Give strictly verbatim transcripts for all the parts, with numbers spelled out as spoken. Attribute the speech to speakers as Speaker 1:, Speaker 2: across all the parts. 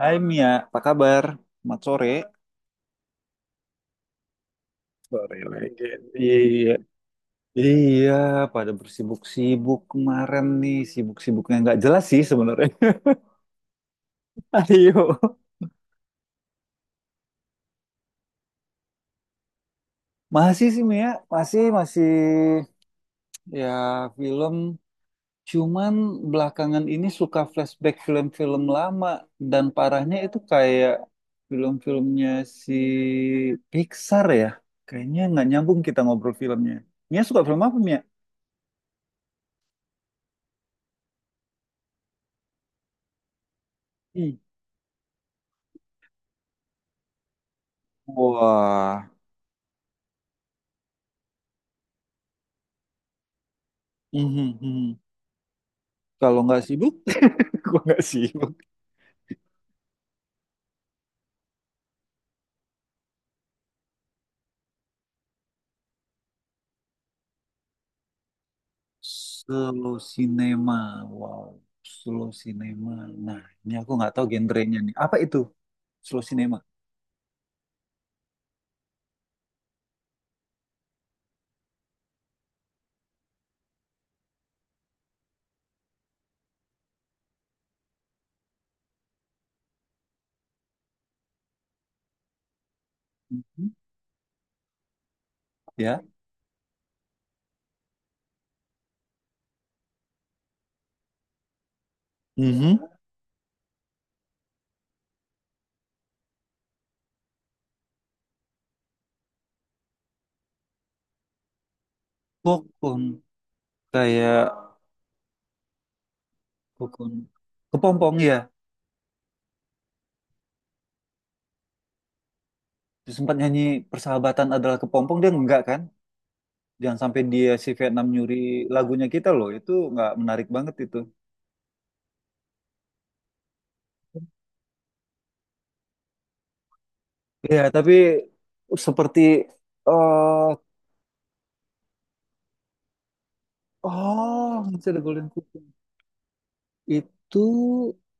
Speaker 1: Hai Mia, apa kabar? Selamat sore. Sore lagi. Iya. Iya, pada bersibuk-sibuk kemarin nih, sibuk-sibuknya nggak jelas sih sebenarnya. Ayo, masih sih Mia, masih masih ya film. Cuman belakangan ini suka flashback film-film lama dan parahnya itu kayak film-filmnya si Pixar ya. Kayaknya nggak nyambung kita ngobrol filmnya. Mia suka film apa Mia? Hmm. Wah. Mhm, mhm. Kalau nggak sibuk, gua nggak sibuk. Slow cinema, wow. Slow cinema. Nah, ini aku nggak tahu genrenya nih. Apa itu? Slow cinema. Mhm. Ya. Mhm. Kokon kayak kokon kepompong ya. Dia sempat nyanyi persahabatan adalah kepompong dia enggak kan? Jangan sampai dia si Vietnam nyuri lagunya kita loh. Itu nggak menarik banget itu. Iya, tapi seperti, eh oh, masih ada Golden Kuku. Itu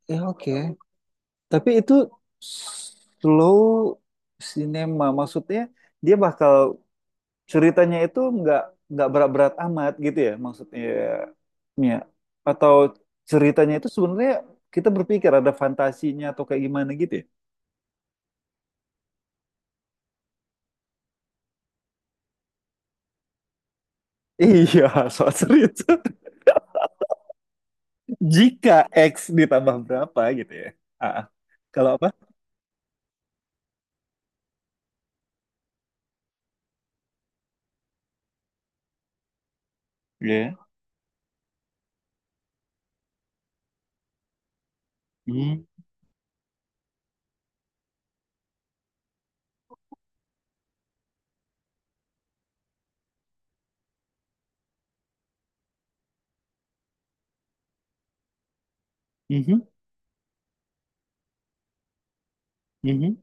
Speaker 1: ya, oke. Tapi itu slow cinema maksudnya dia bakal ceritanya itu nggak nggak berat-berat amat gitu ya maksudnya ya. Atau ceritanya itu sebenarnya kita berpikir ada fantasinya atau kayak gimana gitu ya. Iya, soal cerita. Jika X ditambah berapa gitu ya. Ah, ah. Kalau apa? Iya. Mhm, mhm, mhm.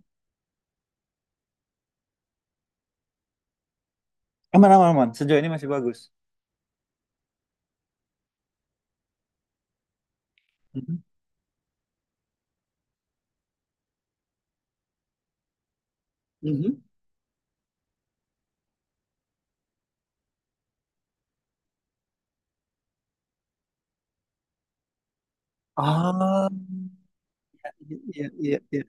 Speaker 1: Aman, aman, aman. Sejauh ini masih bagus. Mhm, mhm. Ah, iya iya iya, iya.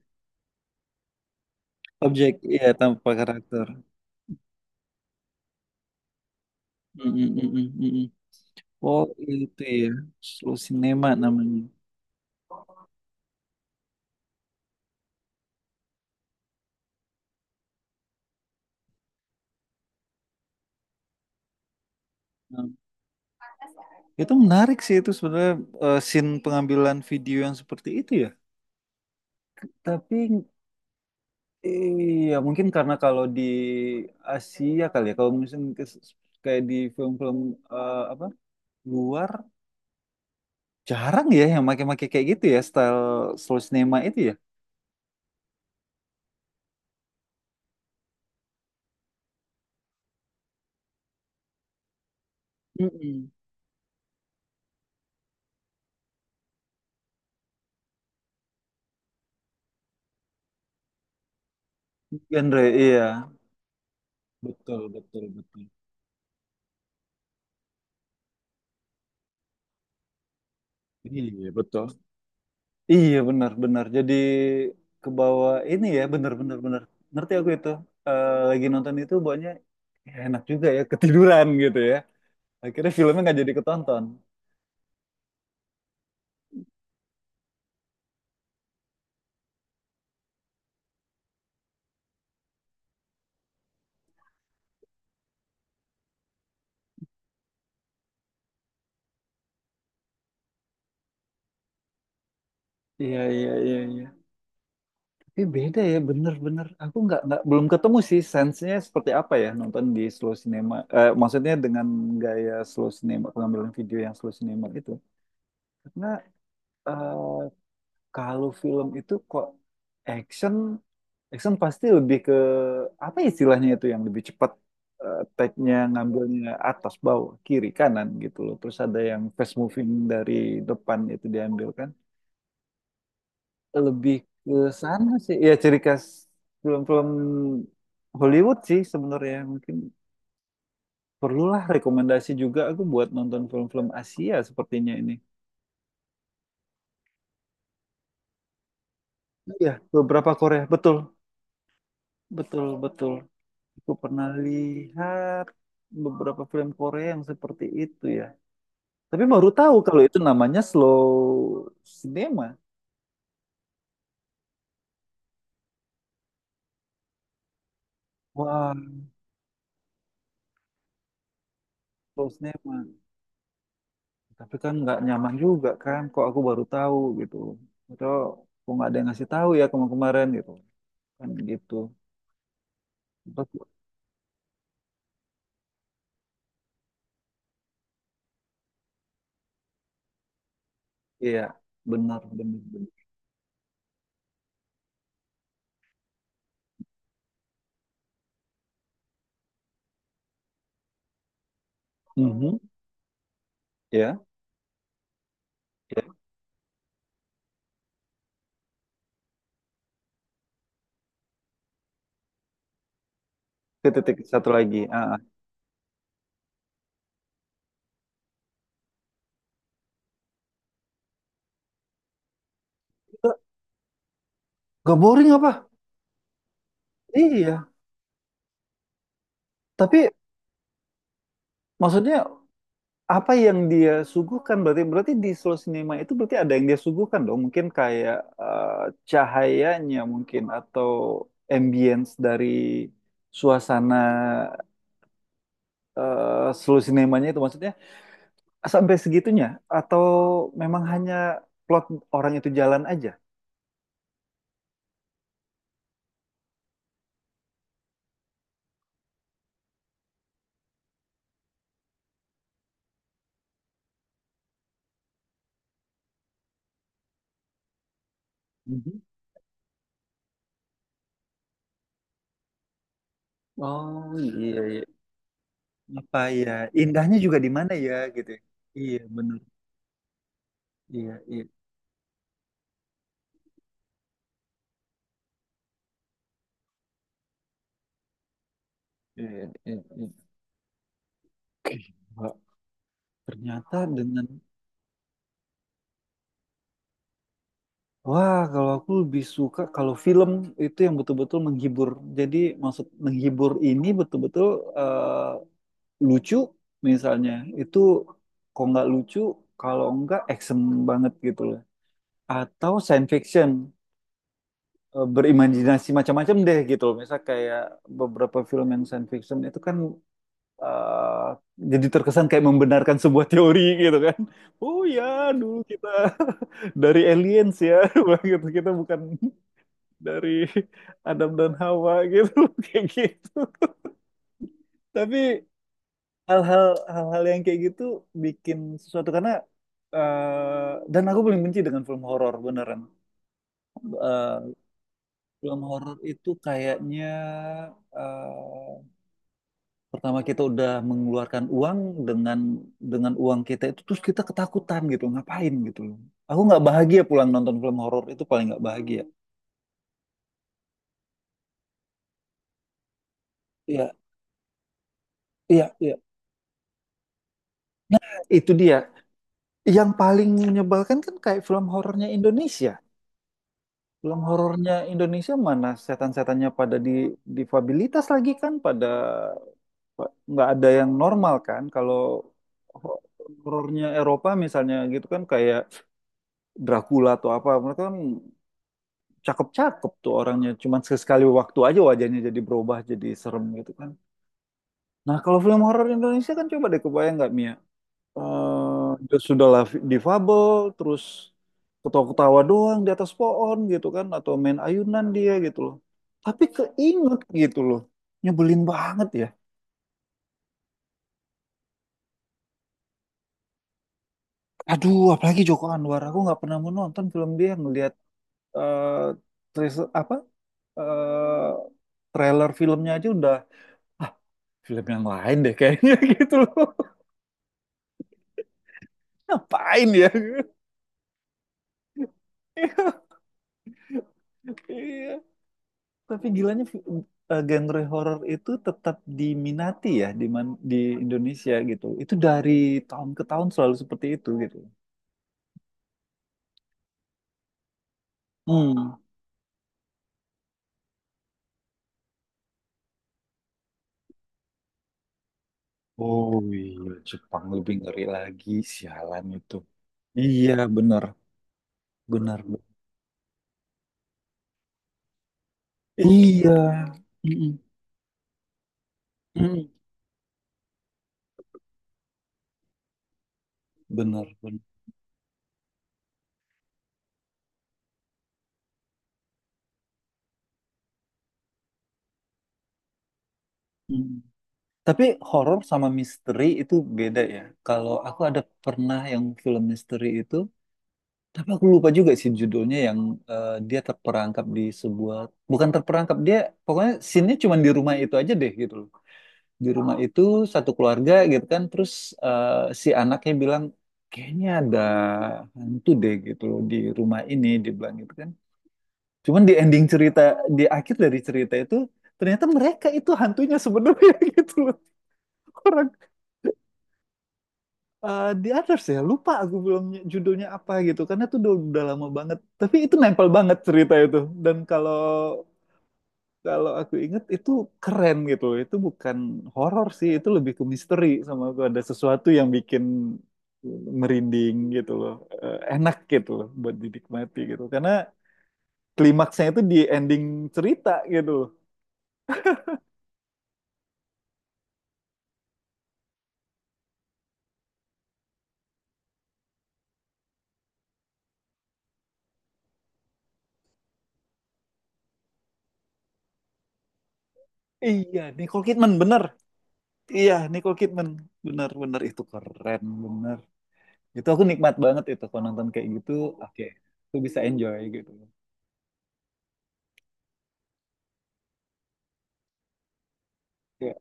Speaker 1: Objek iya tanpa karakter. Mm, mm, mm, mm, mm, mm. Oh itu ya, slow cinema namanya. Nah, itu menarik sih itu sebenarnya, eh, scene pengambilan video yang seperti itu ya. Tapi iya mungkin karena kalau di Asia kali ya, kalau misalnya ke- kayak di film-film, eh, apa luar jarang ya yang make-make kayak gitu ya style slow cinema itu ya. Mm-mm. Genre iya. Betul, betul, betul. Iya, betul. Iya, benar, benar. Jadi ke bawah ini ya, benar, benar, benar. Ngerti aku itu. Eh, lagi nonton itu banyak enak juga ya, ketiduran gitu ya. Akhirnya filmnya nggak jadi ketonton. Iya, iya, iya, iya. Tapi beda ya, bener-bener. Aku nggak, nggak, belum ketemu sih sense-nya seperti apa ya nonton di slow cinema. Eh, maksudnya dengan gaya slow cinema, pengambilan video yang slow cinema itu. Karena eh, kalau film itu kok action, action pasti lebih ke apa istilahnya itu yang lebih cepat, eh, take-nya ngambilnya atas bawah kiri kanan gitu loh. Terus ada yang fast moving dari depan itu diambil kan. Lebih ke sana sih. Ya ciri khas film-film Hollywood sih sebenarnya mungkin perlulah rekomendasi juga aku buat nonton film-film Asia sepertinya ini. Iya, beberapa Korea. Betul, betul, betul. Aku pernah lihat beberapa film Korea yang seperti itu ya. Tapi baru tahu kalau itu namanya slow cinema. Wah, slow cinema. Tapi kan nggak nyaman juga kan. Kok aku baru tahu gitu. Atau kok nggak ada yang ngasih tahu ya kemarin-kemarin gitu. Kan gitu. Terus, iya, benar, benar, benar. Mhm, ya, ya. Titik-titik satu lagi. Ah, ah. Gak boring apa? Iya. Tapi maksudnya apa yang dia suguhkan, berarti berarti di slow cinema itu berarti ada yang dia suguhkan dong mungkin kayak, eh, cahayanya mungkin atau ambience dari suasana, eh, slow cinemanya itu maksudnya sampai segitunya, atau memang hanya plot orang itu jalan aja. Mhm. Oh iya, iya. Apa ya indahnya juga di mana ya gitu, ya. Iya benar. Iya iya iya iya, iya. Oke, Mbak. Ternyata dengan, wah, kalau aku lebih suka kalau film itu yang betul-betul menghibur. Jadi maksud menghibur ini betul-betul, eh, lucu misalnya. Itu kalau nggak lucu, kalau nggak action banget gitu loh. Atau science fiction, eh, berimajinasi macam-macam deh gitu loh. Misal kayak beberapa film yang science fiction itu kan, eh, jadi terkesan kayak membenarkan sebuah teori gitu kan. Oh ya, dulu kita dari aliens ya, gitu. Kita bukan dari Adam dan Hawa gitu kayak gitu, tapi hal-hal hal-hal yang kayak gitu bikin sesuatu karena, eh, dan aku paling benci dengan film horor beneran. Eh, film horor itu kayaknya, eh, pertama kita udah mengeluarkan uang dengan dengan uang kita itu terus kita ketakutan gitu ngapain gitu loh, aku nggak bahagia pulang nonton film horor itu paling nggak bahagia. Iya, iya, iya. Nah, itu dia. Yang paling menyebalkan kan kayak film horornya Indonesia. Film horornya Indonesia mana setan-setannya pada di difabilitas lagi kan, pada pa- nggak ada yang normal kan. Kalau ho- horornya Eropa misalnya gitu kan kayak Dracula atau apa, mereka kan cakep-cakep tuh orangnya. Cuman sekali waktu aja wajahnya jadi berubah jadi serem gitu kan. Nah kalau film horor Indonesia kan coba deh kebayang nggak Mia? eh sudahlah difabel terus ketawa-ketawa doang di atas pohon gitu kan, atau main ayunan dia gitu loh, tapi keinget gitu loh, nyebelin banget ya. Aduh apalagi Joko Anwar, aku nggak pernah mau nonton film dia, ngelihat eh tris- apa, eh trailer filmnya aja udah ah, film yang lain deh kayaknya gitu loh, ngapain ya. Iya, tapi gilanya fi- eh, genre horor itu tetap diminati ya, di man- di Indonesia gitu. Itu dari tahun ke tahun selalu seperti itu gitu. Hmm. Oh iya, Jepang lebih ngeri lagi, sialan itu. Iya, benar. Benar, benar. Iya. Mm-mm. Mm. Benar, benar. Mm. Tapi horor sama misteri itu beda ya. Kalau aku ada pernah yang film misteri itu, tapi aku lupa juga sih judulnya yang, eh, dia terperangkap di sebuah, bukan terperangkap dia, pokoknya scene-nya cuma di rumah itu aja deh gitu loh. Di rumah itu satu keluarga gitu kan, terus, eh, si anaknya bilang kayaknya ada hantu deh gitu loh di rumah ini, dibilang gitu kan. Cuman di ending cerita, di akhir dari cerita itu ternyata mereka itu hantunya sebenarnya gitu loh. Orang, eh The Others ya, lupa aku belum ny- judulnya apa gitu karena itu udah, udah lama banget, tapi itu nempel banget cerita itu, dan kalau kalau aku inget itu keren gitu, itu bukan horor sih, itu lebih ke misteri, sama aku ada sesuatu yang bikin merinding gitu loh. Eh, enak gitu loh buat dinikmati gitu karena klimaksnya itu di ending cerita gitu loh. Iya, Nicole Kidman bener. Iya, Nicole Kidman bener, bener itu keren bener. Itu aku nikmat banget itu kalau nonton kayak gitu. Oke, aku bisa enjoy gitu. Ya.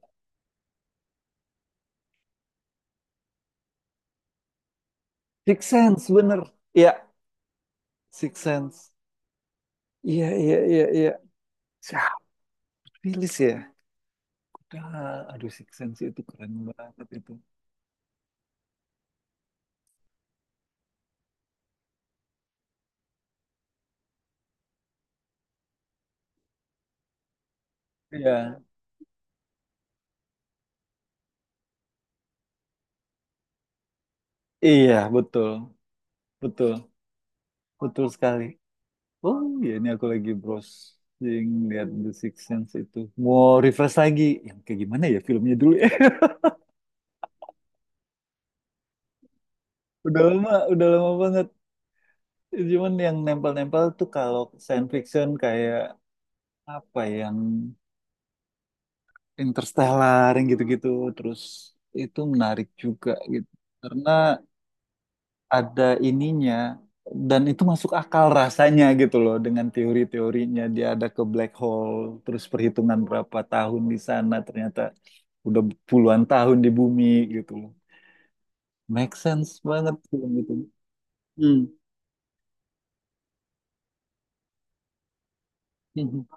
Speaker 1: Six Sense bener. Iya, Six Sense. Iya, iya, iya, iya. Siapa rilis ya? Udah, aduh Six Sense itu keren banget itu. Iya, iya, betul, betul, betul sekali. Oh iya, ini aku lagi browsing lihat The Six Sense itu. Mau refresh lagi, yang kayak gimana ya filmnya dulu ya? Udah lama, udah lama banget. Cuman yang nempel-nempel tuh kalau science fiction kayak apa ya, yang Interstellar yang gitu-gitu, terus itu menarik juga gitu karena ada ininya dan itu masuk akal rasanya gitu loh, dengan teori-teorinya dia ada ke black hole terus perhitungan berapa tahun di sana ternyata udah puluhan tahun di bumi gitu loh, make sense banget film itu. Hmm. Mhm.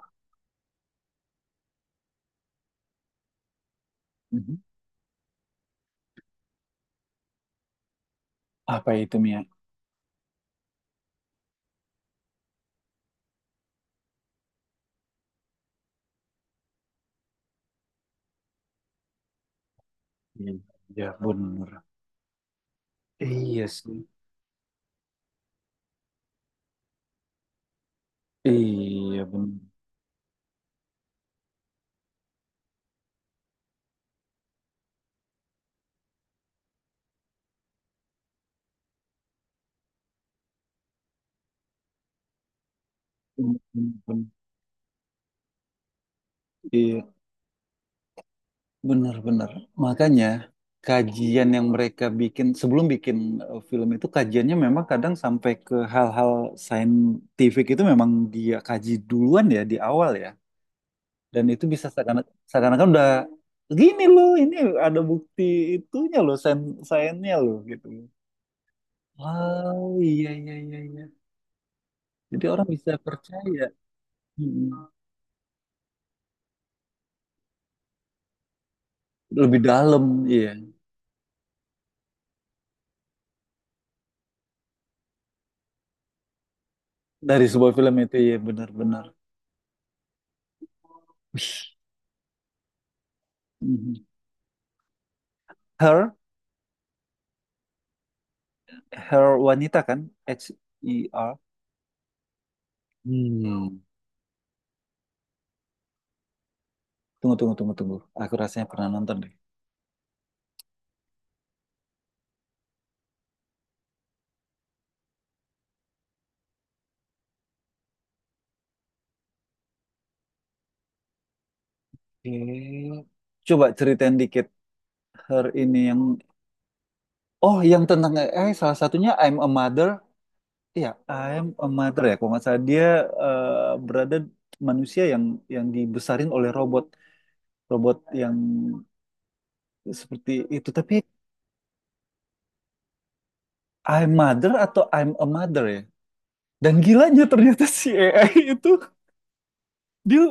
Speaker 1: Mhm. Apa itu Mia? Iya bener. Iya sih. Iya bener. Bener, bener, bener. Iya. Benar-benar. Makanya kajian yang mereka bikin sebelum bikin, eh, film itu kajiannya memang kadang sampai ke hal-hal saintifik, itu memang dia kaji duluan ya di awal ya. Dan itu bisa seakan- seakan-akan udah gini loh, ini ada bukti itunya loh, sain sainnya loh gitu. Wow, iya iya iya iya. Jadi orang bisa percaya. Hmm. Lebih dalam iya dari sebuah film itu iya benar-benar. Wih. Mhm. Her Her Wanita kan? H E R. Hmm. Tunggu, tunggu, tunggu, tunggu. Aku rasanya pernah nonton deh. Eh, Coba ceritain dikit Her ini yang. Oh, yang tentang eh salah satunya I'm a Mother. Iya, I'm a Mother ya. Kalau nggak salah dia eh, berada manusia yang yang dibesarin oleh robot. Robot yang seperti itu. Tapi I'm Mother atau I'm a Mother ya? Dan gilanya ternyata si A I itu dia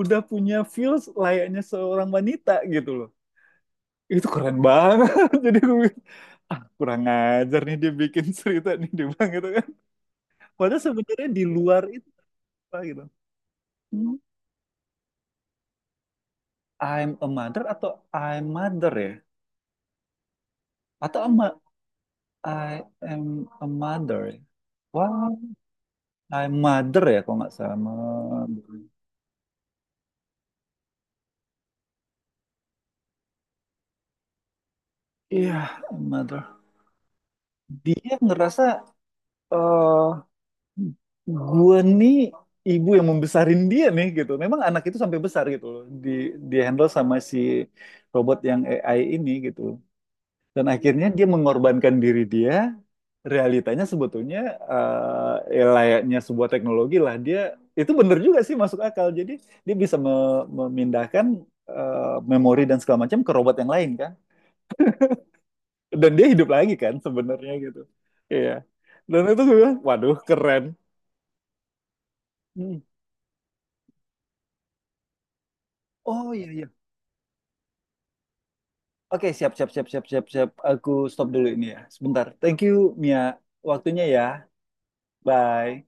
Speaker 1: udah punya feels layaknya seorang wanita gitu loh. Itu keren banget. Jadi gue bilang, ah kurang ajar nih dia bikin cerita nih dia bilang gitu kan. Padahal sebenarnya di luar itu Pak, gitu. Hmm, I'm a mother atau I'm mother ya? Atau ama, I am a mother ya? Wah, I'm mother ya kalau nggak salah. Iya, I'm mother. Dia ngerasa eh gua nih ibu yang membesarin dia nih gitu. Memang anak itu sampai besar gitu loh. Di di handle sama si robot yang A I ini gitu. Dan akhirnya dia mengorbankan diri dia. Realitanya sebetulnya, eh, ya layaknya sebuah teknologi lah. Dia itu bener juga sih masuk akal. Jadi dia bisa me- memindahkan, eh, memori dan segala macam ke robot yang lain kan. Dan dia hidup lagi kan sebenarnya gitu. Iya. Dan itu gue bilang, waduh keren. Hmm. Oh iya iya. Oke, siap, siap, siap, siap, siap, siap. Aku stop dulu ini ya. Sebentar. Thank you, Mia. Waktunya ya. Bye.